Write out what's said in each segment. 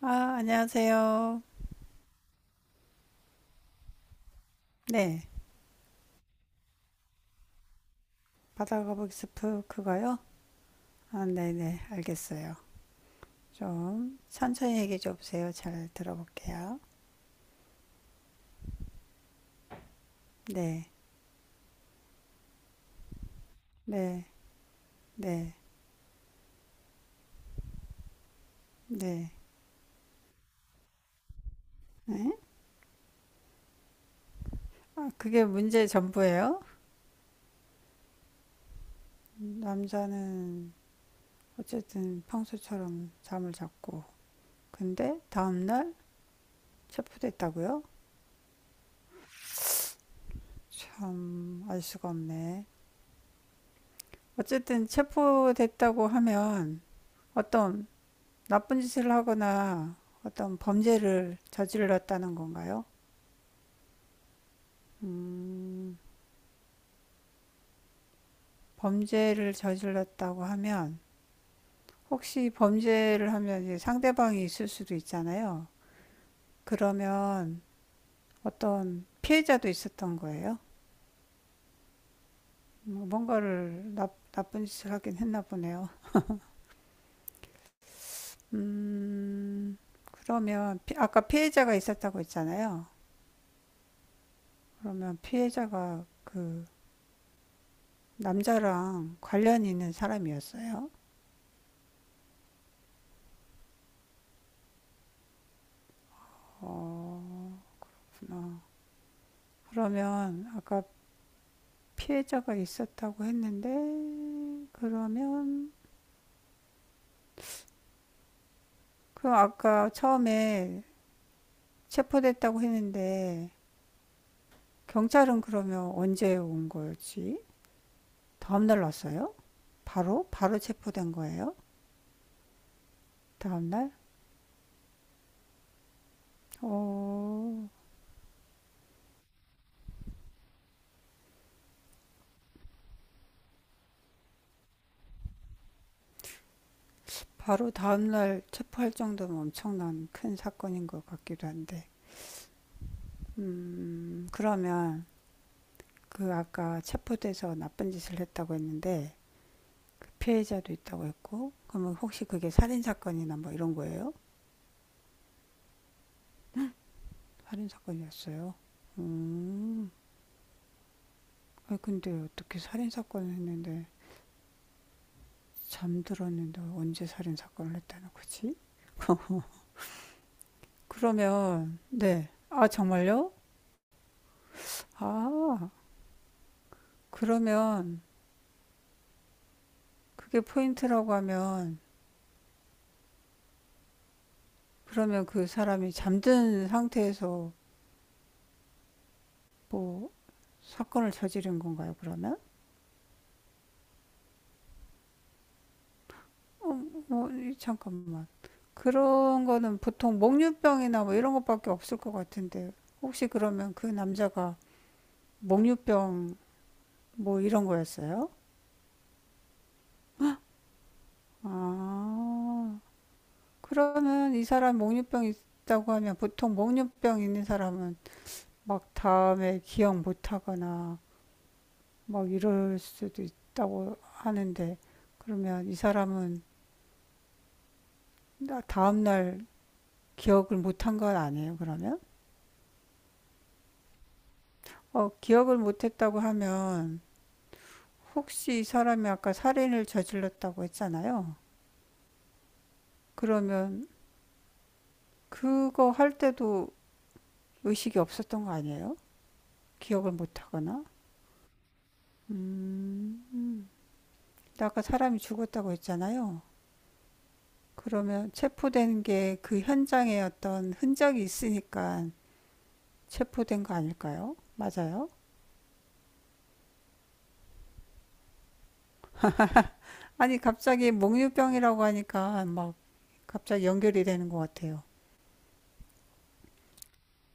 아, 안녕하세요. 네, 바다거북이 스프 그거요? 아, 네네, 알겠어요. 좀 천천히 얘기 좀 해보세요. 잘 들어볼게요. 네, 네, 네, 네. 네. 아, 그게 문제 전부예요? 남자는 어쨌든 평소처럼 잠을 잤고, 근데 다음날 체포됐다고요? 참, 알 수가 없네. 어쨌든 체포됐다고 하면 어떤 나쁜 짓을 하거나 어떤 범죄를 저질렀다는 건가요? 범죄를 저질렀다고 하면 혹시 범죄를 하면 이제 상대방이 있을 수도 있잖아요. 그러면 어떤 피해자도 있었던 거예요? 뭔가를 나쁜 짓을 하긴 했나 보네요. 음, 그러면 아까 피해자가 있었다고 했잖아요. 그러면 피해자가 그 남자랑 관련이 있는 사람이었어요? 어, 구나. 그러면 아까 피해자가 있었다고 했는데 그러면 그 아까 처음에 체포됐다고 했는데 경찰은 그러면 언제 온 거지? 다음 날 왔어요? 바로 체포된 거예요? 다음 날? 어. 바로 다음 날 체포할 정도면 엄청난 큰 사건인 것 같기도 한데. 그러면 그 아까 체포돼서 나쁜 짓을 했다고 했는데 그 피해자도 있다고 했고, 그러면 혹시 그게 살인사건이나 뭐 이런 거예요? 살인사건이었어요. 음, 아 근데 어떻게 살인사건을 했는데, 잠들었는데 언제 살인사건을 했다는 거지? 그러면, 네. 아, 정말요? 아, 그러면 그게 포인트라고 하면, 그러면 그 사람이 잠든 상태에서 뭐 사건을 저지른 건가요, 그러면? 어, 뭐, 잠깐만. 그런 거는 보통 목류병이나 뭐 이런 것밖에 없을 것 같은데, 혹시 그러면 그 남자가 목류병 뭐 이런 거였어요? 아, 그러면 이 사람 목류병 있다고 하면 보통 목류병 있는 사람은 막 다음에 기억 못 하거나 막 이럴 수도 있다고 하는데, 그러면 이 사람은 다음날 기억을 못한 건 아니에요, 그러면? 어, 기억을 못했다고 하면 혹시 이 사람이 아까 살인을 저질렀다고 했잖아요. 그러면 그거 할 때도 의식이 없었던 거 아니에요? 기억을 못하거나? 근데 아까 사람이 죽었다고 했잖아요. 그러면 체포된 게 그 현장에 어떤 흔적이 있으니까 체포된 거 아닐까요? 맞아요? 아니 갑자기 몽유병이라고 하니까 막 갑자기 연결이 되는 것 같아요.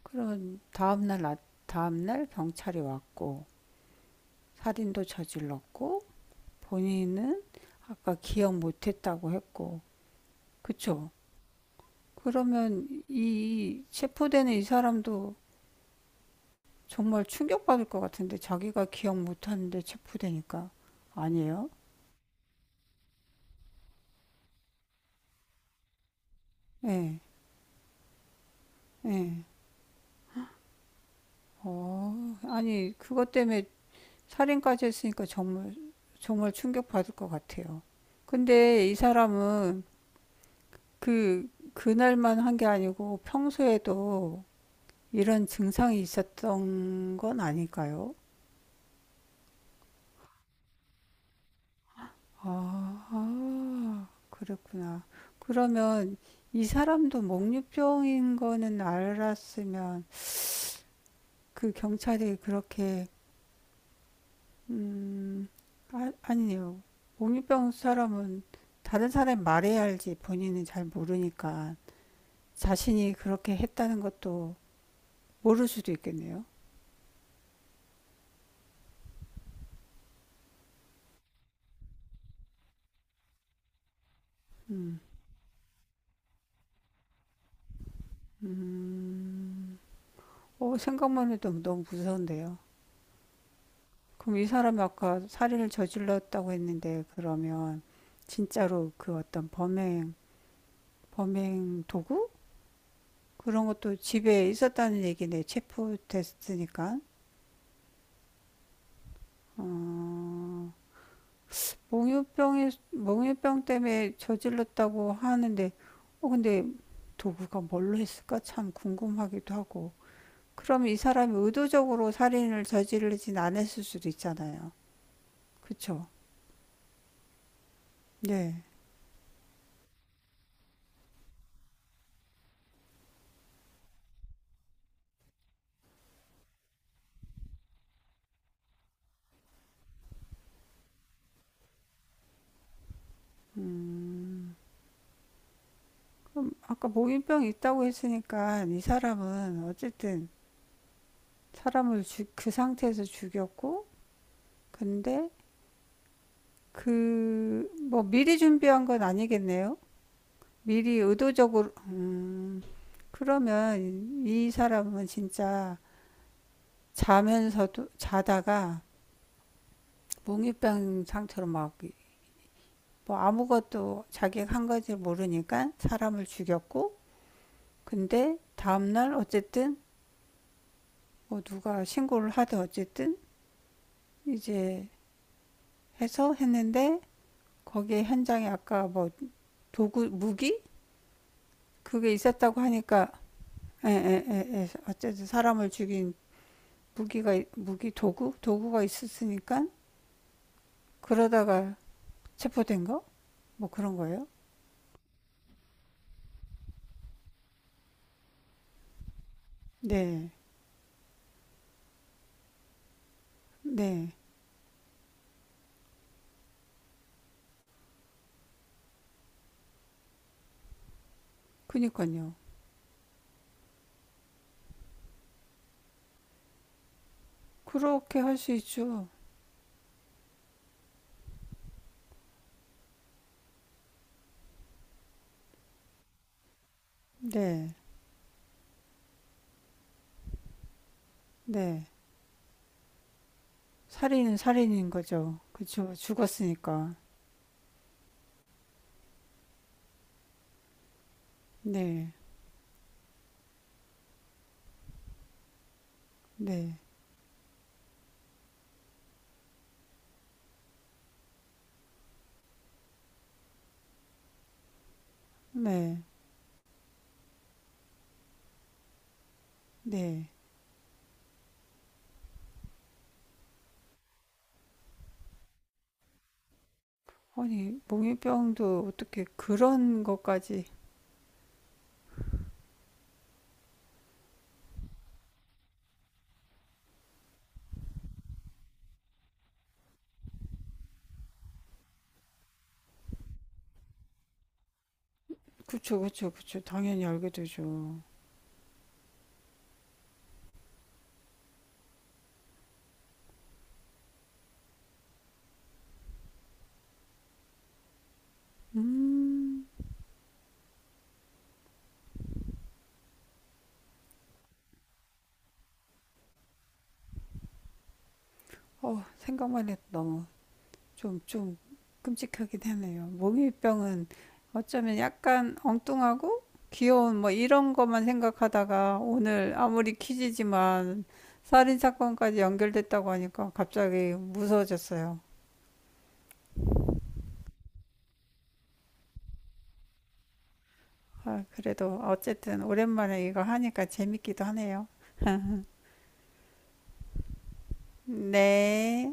그럼 다음날, 다음날 경찰이 왔고 살인도 저질렀고 본인은 아까 기억 못했다고 했고 그쵸? 그러면 이 체포되는 이 사람도 정말 충격받을 것 같은데 자기가 기억 못하는데 체포되니까 아니에요? 예, 예. 어, 아니 그것 때문에 살인까지 했으니까 정말 정말 충격받을 것 같아요. 근데 이 사람은 그 그날만 한 게 아니고 평소에도 이런 증상이 있었던 건 아닐까요? 아, 그랬구나. 그러면 이 사람도 목류병인 거는 알았으면 그 경찰이 그렇게, 음, 아, 아니요. 목류병 사람은 다른 사람이 말해야 알지 본인은 잘 모르니까 자신이 그렇게 했다는 것도 모를 수도 있겠네요. 음, 음, 어, 생각만 해도 너무 무서운데요. 그럼 이 사람이 아까 살인을 저질렀다고 했는데 그러면 진짜로 그 어떤 범행 도구 그런 것도 집에 있었다는 얘기네. 체포됐으니까 몽유병 때문에 저질렀다고 하는데 어 근데 도구가 뭘로 했을까 참 궁금하기도 하고. 그럼 이 사람이 의도적으로 살인을 저지르진 않았을 수도 있잖아요. 그쵸? 네. 그럼 아까 몽유병이 있다고 했으니까 이 사람은 어쨌든 사람을 그 상태에서 죽였고, 근데 그, 뭐 미리 준비한 건 아니겠네요? 미리 의도적으로, 그러면 이 사람은 진짜 자다가 몽유병 상태로 막, 뭐 아무것도 자기가 한 건지 모르니까 사람을 죽였고, 근데 다음날 어쨌든, 뭐 누가 신고를 하든 어쨌든, 이제 해서 했는데, 거기에 현장에 아까 뭐 도구, 무기? 그게 있었다고 하니까 에, 에, 에, 에. 어쨌든 사람을 죽인 무기 도구 도구가 있었으니까 그러다가 체포된 거 뭐 그런 거예요? 네, 네, 그니까요. 그렇게 할 수 있죠. 네, 네. 살인은 살인인 거죠. 그쵸? 죽었으니까. 네, 네, 네, 네. 아니 몽유병도 어떻게 그런 것까지? 그쵸, 그쵸, 그쵸. 당연히 알게 되죠. 음. 어, 생각만 해도 너무 좀, 좀 끔찍하긴 하네요. 모기병은 어쩌면 약간 엉뚱하고 귀여운 뭐 이런 것만 생각하다가 오늘 아무리 퀴즈지만 살인 사건까지 연결됐다고 하니까 갑자기 무서워졌어요. 아, 그래도 어쨌든 오랜만에 이거 하니까 재밌기도 하네요. 네.